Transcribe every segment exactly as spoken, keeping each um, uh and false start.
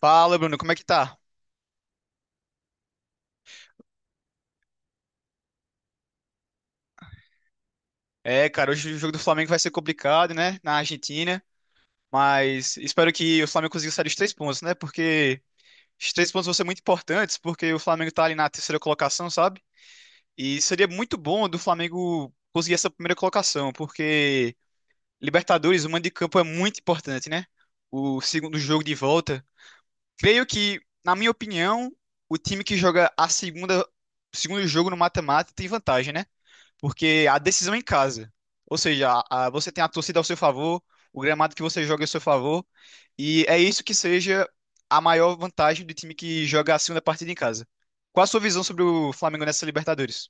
Fala, Bruno, como é que tá? É, cara, hoje o jogo do Flamengo vai ser complicado, né? Na Argentina, mas espero que o Flamengo consiga sair dos três pontos, né? Porque os três pontos vão ser muito importantes, porque o Flamengo tá ali na terceira colocação, sabe? E seria muito bom do Flamengo conseguir essa primeira colocação, porque Libertadores, o mando de campo é muito importante, né? O segundo jogo de volta. Creio que, na minha opinião, o time que joga a segunda, o segundo jogo no mata-mata tem vantagem, né? Porque a decisão é em casa. Ou seja, a- a- você tem a torcida ao seu favor, o gramado que você joga é ao seu favor, e é isso que seja a maior vantagem do time que joga a segunda partida em casa. Qual a sua visão sobre o Flamengo nessa Libertadores?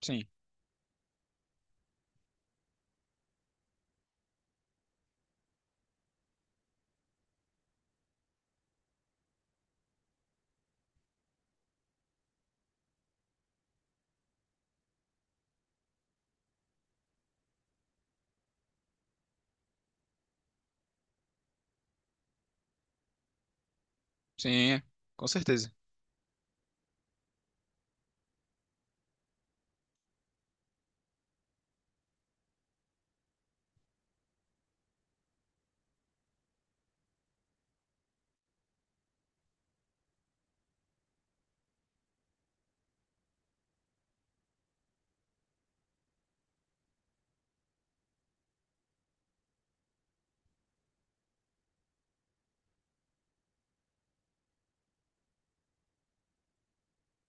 Sim, sim, com certeza.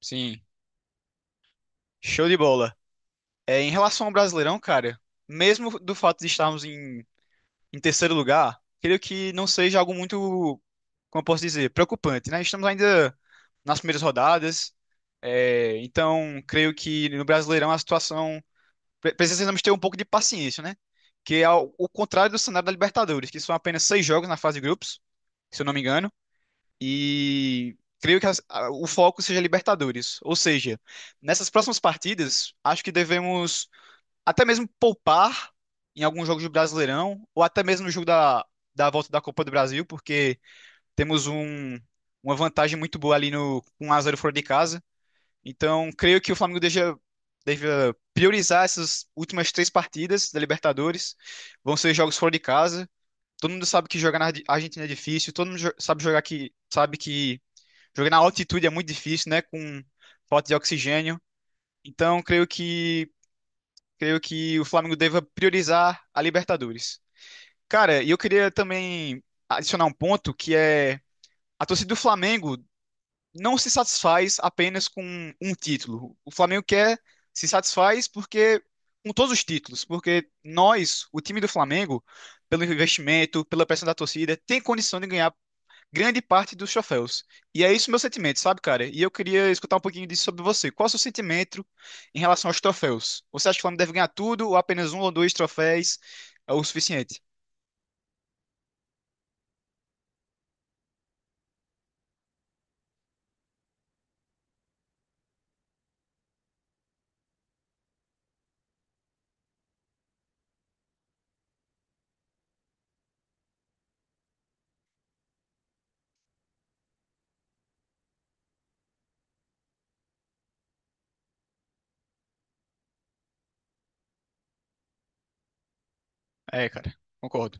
Sim. Show de bola. É, em relação ao Brasileirão, cara, mesmo do fato de estarmos em Em terceiro lugar, creio que não seja algo muito, como eu posso dizer, preocupante, né? Estamos ainda nas primeiras rodadas, é, então creio que no Brasileirão a situação pre- precisamos ter um pouco de paciência, né? Que é ao- o contrário do cenário da Libertadores, que são apenas seis jogos na fase de grupos, se eu não me engano, e creio que as- a- o foco seja Libertadores. Ou seja, nessas próximas partidas, acho que devemos até mesmo poupar em alguns jogos do Brasileirão, ou até mesmo no jogo da, da volta da Copa do Brasil, porque temos um, uma vantagem muito boa ali no um a zero fora de casa. Então, creio que o Flamengo deixa. Deve priorizar essas últimas três partidas da Libertadores. Vão ser jogos fora de casa. Todo mundo sabe que jogar na Arge- Argentina é difícil. Todo mundo jo- sabe jogar que sabe que jogar na altitude é muito difícil, né? Com falta de oxigênio. Então, creio que creio que o Flamengo deva priorizar a Libertadores. Cara, e eu queria também adicionar um ponto que é a torcida do Flamengo não se satisfaz apenas com um título. O Flamengo quer se satisfaz porque com todos os títulos, porque nós, o time do Flamengo, pelo investimento, pela pressão da torcida, tem condição de ganhar grande parte dos troféus. E é isso meu sentimento, sabe, cara? E eu queria escutar um pouquinho disso sobre você. Qual é o seu sentimento em relação aos troféus? Você acha que o Flamengo deve ganhar tudo ou apenas um ou dois troféus é o suficiente? É, cara, concordo.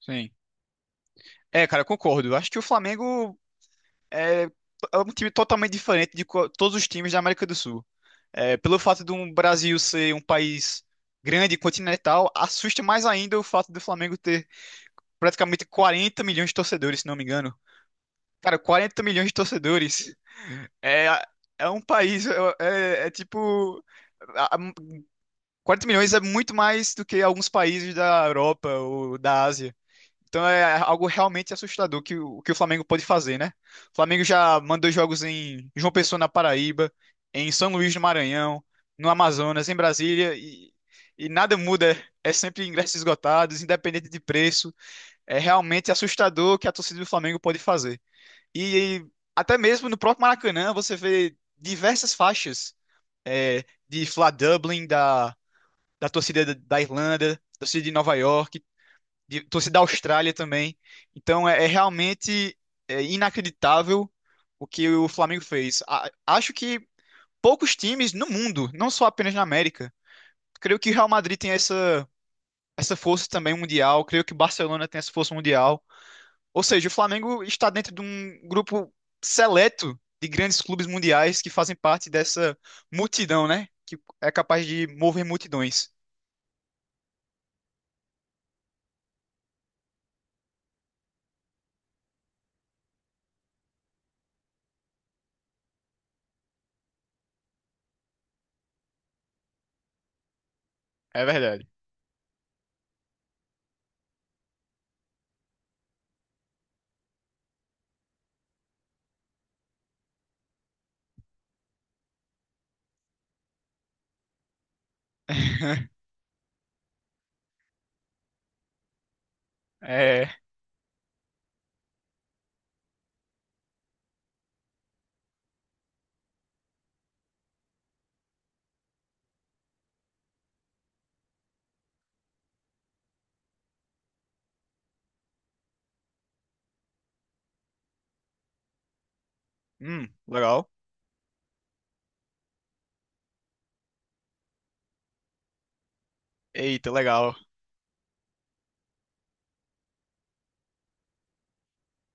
Sim. É, cara, concordo. Acho que o Flamengo é, é um time totalmente diferente de co- todos os times da América do Sul. É, pelo fato do Brasil ser um país grande, continental, assusta mais ainda o fato do Flamengo ter praticamente quarenta milhões de torcedores, se não me engano. Cara, quarenta milhões de torcedores. É, é um país. É, é é tipo. a- a- quarenta milhões é muito mais do que alguns países da Europa ou da Ásia. Então é algo realmente assustador que, o que o Flamengo pode fazer, né? O Flamengo já mandou jogos em João Pessoa, na Paraíba, em São Luís, do Maranhão, no Amazonas, em Brasília, e, e nada muda. É sempre ingressos esgotados, independente de preço. É realmente assustador o que a torcida do Flamengo pode fazer. E até mesmo no próprio Maracanã você vê diversas faixas é, de Fla Dublin, da, da torcida da da Irlanda, torcida de Nova York, de, torcida da Austrália também. Então é, é realmente é, inacreditável o que o Flamengo fez. A- acho que poucos times no mundo, não só apenas na América, creio que o Real Madrid tem essa, essa força também mundial, creio que o Barcelona tem essa força mundial. Ou seja, o Flamengo está dentro de um grupo seleto de grandes clubes mundiais que fazem parte dessa multidão, né? Que é capaz de mover multidões. É verdade. É. Hum, legal. Eita, legal.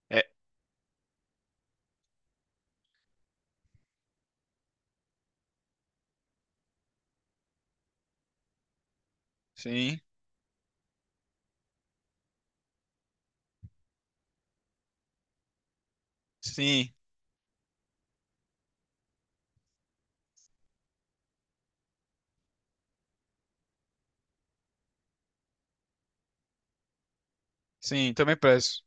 É, sim, sim, sim, também peço.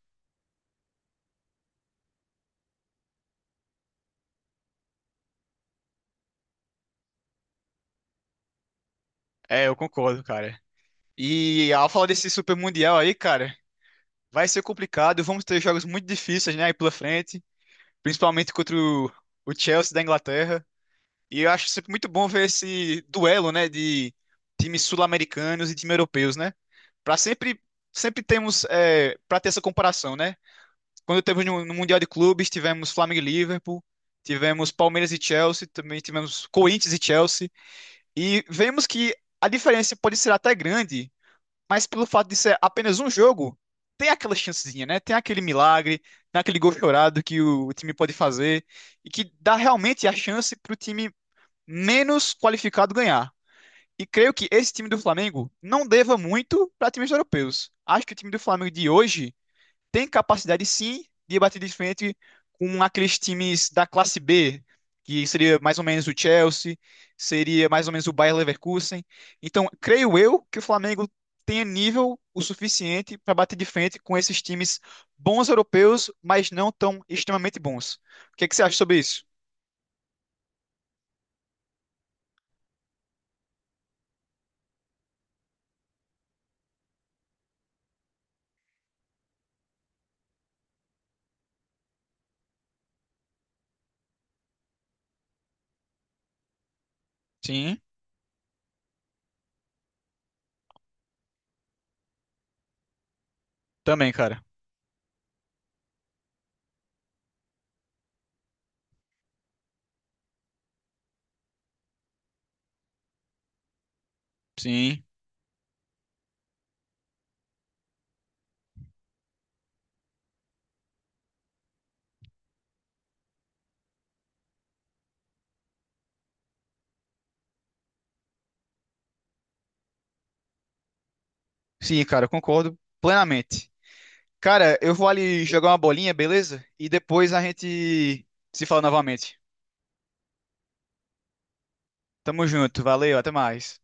É, eu concordo, cara. E ao falar desse Super Mundial aí, cara, vai ser complicado. Vamos ter jogos muito difíceis, né, aí pela frente. Principalmente contra o, o Chelsea da Inglaterra. E eu acho sempre muito bom ver esse duelo, né, de times sul-americanos e times europeus, né? Para sempre, sempre temos, é, para ter essa comparação, né? Quando teve no, no Mundial de Clubes, tivemos Flamengo e Liverpool, tivemos Palmeiras e Chelsea, também tivemos Corinthians e Chelsea, e vemos que a diferença pode ser até grande, mas pelo fato de ser apenas um jogo, tem aquela chancezinha, né? Tem aquele milagre, tem aquele gol chorado que o, o time pode fazer e que dá realmente a chance para o time menos qualificado ganhar. E creio que esse time do Flamengo não deva muito para times europeus. Acho que o time do Flamengo de hoje tem capacidade sim de bater de frente com aqueles times da classe B, que seria mais ou menos o Chelsea, seria mais ou menos o Bayer Leverkusen. Então, creio eu que o Flamengo tenha nível o suficiente para bater de frente com esses times bons europeus, mas não tão extremamente bons. O que é que você acha sobre isso? Sim, também, cara. Sim. Sim, cara, eu concordo plenamente. Cara, eu vou ali jogar uma bolinha, beleza? E depois a gente se fala novamente. Tamo junto, valeu, até mais.